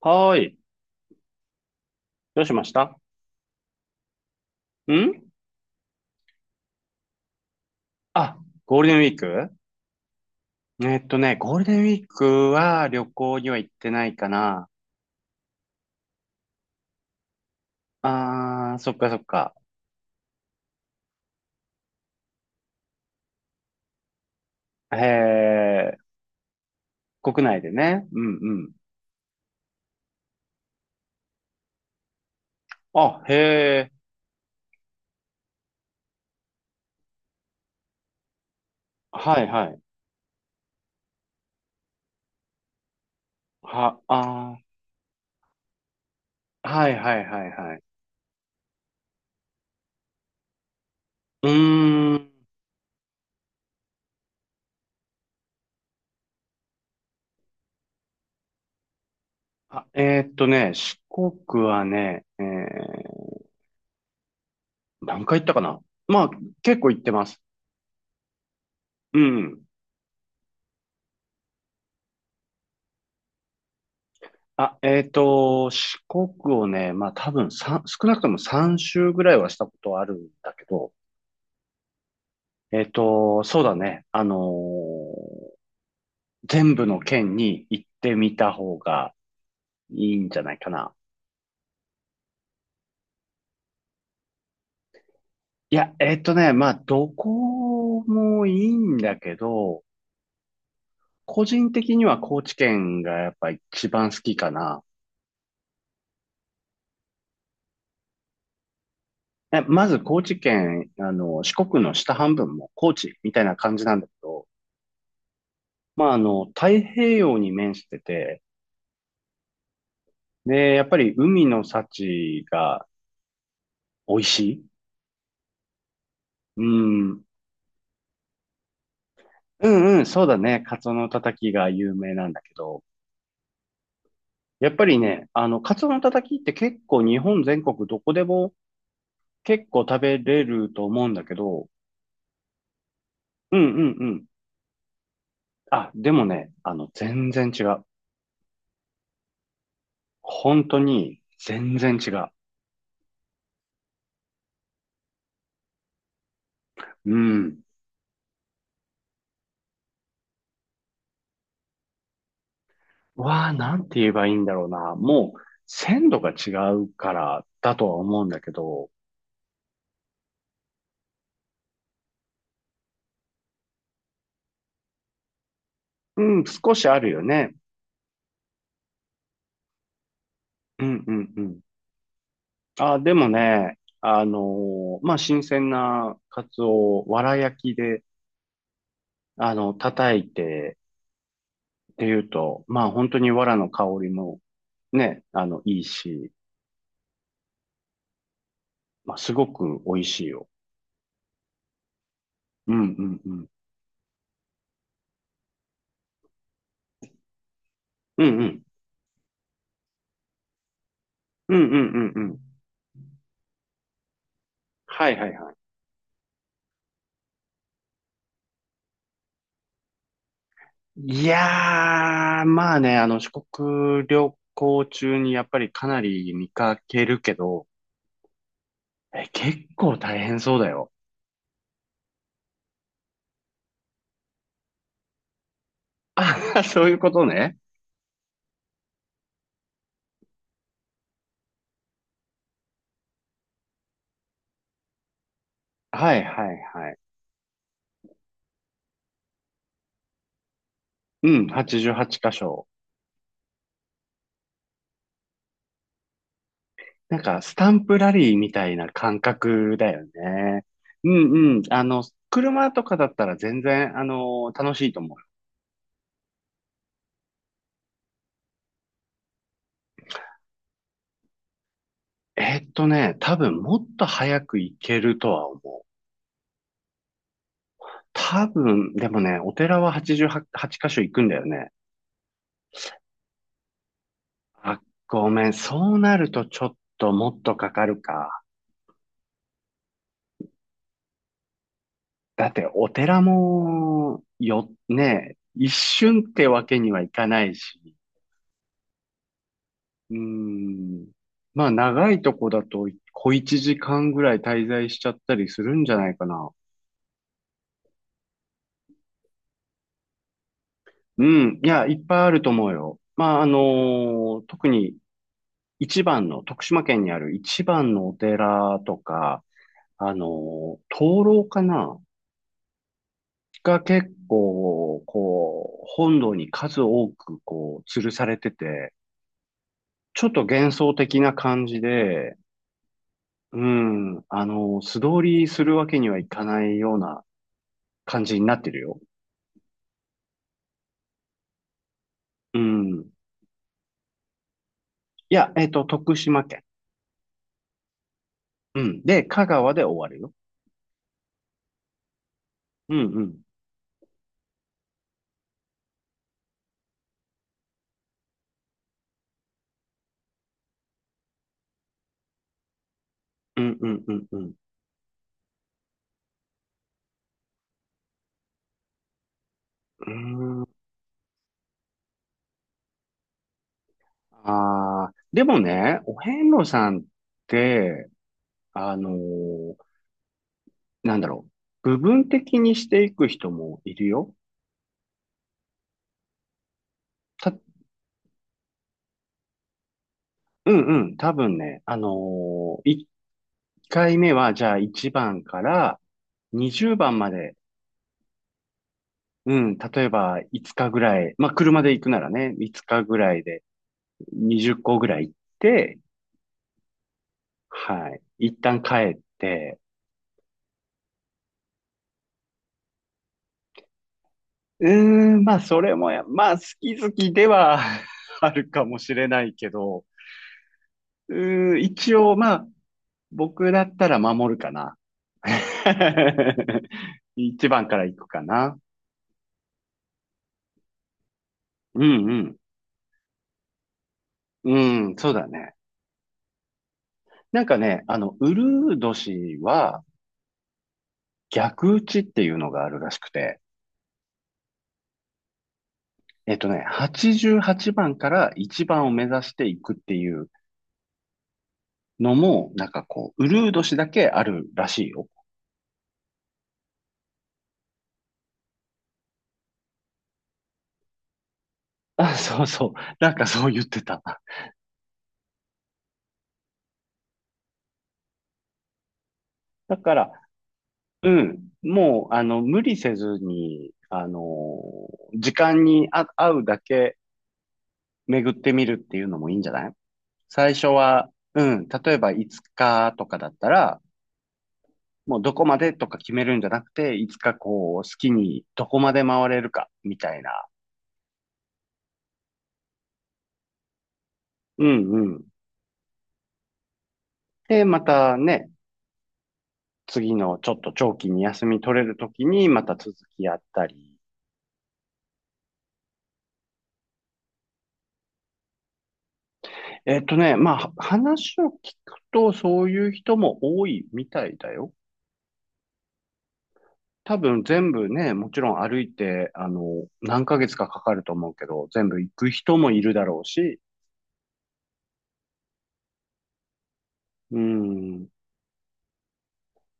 はーい。どうしましたん？あ、ゴールデンウィーク。ゴールデンウィークは旅行には行ってないかな。あー、そっかそっか。へー、国内でね。うんうん。あ、へー、はいはい。あー、はいはいはいはい。うーん。あ、四国はね、何回行ったかな。まあ、結構行ってます。うん。あ、四国をね、まあ多分少なくとも3周ぐらいはしたことはあるんだけど、そうだね。全部の県に行ってみた方がいいんじゃないかな。いや、まあどこもいいんだけど、個人的には高知県がやっぱ一番好きかな。え、まず高知県、四国の下半分も高知みたいな感じなんだけど、まあ太平洋に面してて、で、やっぱり海の幸が美味しい。うん。うんうん、そうだね。カツオのたたきが有名なんだけど。やっぱりね、カツオのたたきって結構日本全国どこでも結構食べれると思うんだけど。うんうんうん。あ、でもね、全然違う。本当に全然違う。うん。わあ、なんて言えばいいんだろうな。もう、鮮度が違うからだとは思うんだけど。うん、少しあるよね。うんうんうん。あ、でもね、まあ、新鮮なカツオをわら焼きで、叩いてっていうと、まあ、本当にわらの香りもね、いいし、まあ、すごく美味しいよ。うんうんうん。うんうん。うんうんうんうん。はいはいはい。いやー、まあね、四国旅行中にやっぱりかなり見かけるけど、え、結構大変そうだよ。あ、そういうことね。はいはいはい。うん、88箇所。なんか、スタンプラリーみたいな感覚だよね。うんうん。車とかだったら全然、楽しいと思うよ。多分もっと早く行けるとは思う。多分、でもね、お寺は88箇所行くんだよね。あ、ごめん。そうなるとちょっともっとかかるか。だって、お寺も、よ、ね、一瞬ってわけにはいかないし。うーん。まあ、長いとこだと、小一時間ぐらい滞在しちゃったりするんじゃないかな。うん。いや、いっぱいあると思うよ。まあ、特に一番の、徳島県にある一番のお寺とか、灯籠かなが結構、こう、本堂に数多く、こう、吊るされてて、ちょっと幻想的な感じで、うん、素通りするわけにはいかないような感じになってるよ。うん。いや、徳島県。うん。で、香川で終わるよ。うんうん。うんうんうんうん。うーん。ああ、でもね、お遍路さんって、あのーなんだろう。部分的にしていく人もいるよ。た、うんうん。多分ね、1回目は、じゃあ1番から20番まで、うん、例えば5日ぐらい、まあ、車で行くならね、5日ぐらいで20個ぐらい行って、はい。一旦帰って、うーん、まあ、それもや、まあ、好き好きでは あるかもしれないけど、うーん、一応、まあ、僕だったら守るかな。一番から行くかな。うんうん。うん、そうだね。なんかね、ウルー年は逆打ちっていうのがあるらしくて、88番から一番を目指していくっていうのも、なんかこう、ウルードしだけあるらしいよ。あ、そうそう。なんかそう言ってた。だから、うん。もう、無理せずに、時間に合うだけ巡ってみるっていうのもいいんじゃない？最初は、うん。例えば5日とかだったら、もうどこまでとか決めるんじゃなくて、いつかこう、好きにどこまで回れるか、みたいな。うんうん。で、またね、次のちょっと長期に休み取れるときにまた続きやったり。まあ、話を聞くとそういう人も多いみたいだよ。多分全部ね、もちろん歩いて、何ヶ月かかかると思うけど、全部行く人もいるだろうし、うん。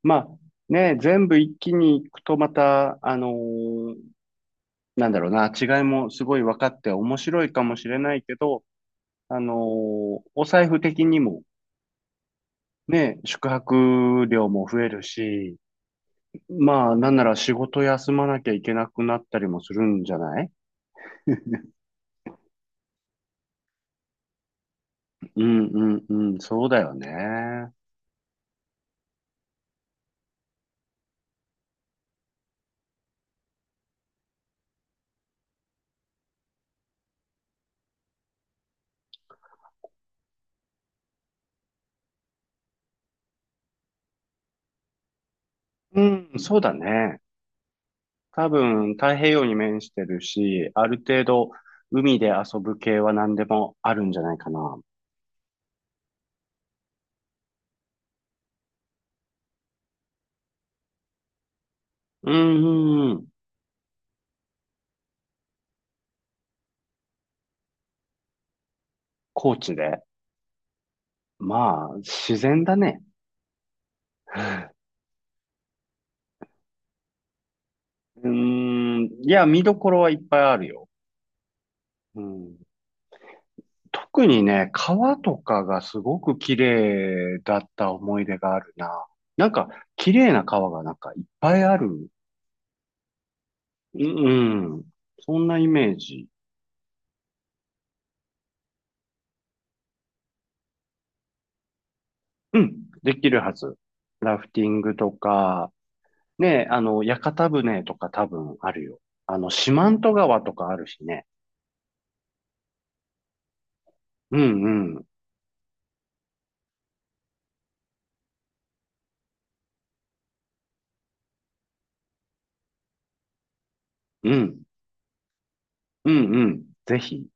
まあ、ね、全部一気に行くとまた、なんだろうな、違いもすごい分かって面白いかもしれないけど、お財布的にもね、宿泊料も増えるし、まあ、なんなら仕事休まなきゃいけなくなったりもするんじゃない？うんうんうん、そうだよね。うん、そうだね。多分、太平洋に面してるし、ある程度、海で遊ぶ系は何でもあるんじゃないかな。うんうんうん、高知で。まあ、自然だね。うん、いや、見どころはいっぱいあるよ。うん。特にね、川とかがすごく綺麗だった思い出があるな。なんか、綺麗な川がなんかいっぱいある。うん、うん、そんなイメージ。うん、できるはず。ラフティングとか、ね、屋形船とか多分あるよ。四万十川とかあるしね。うん、うん、うん、うん、うん。ぜひ。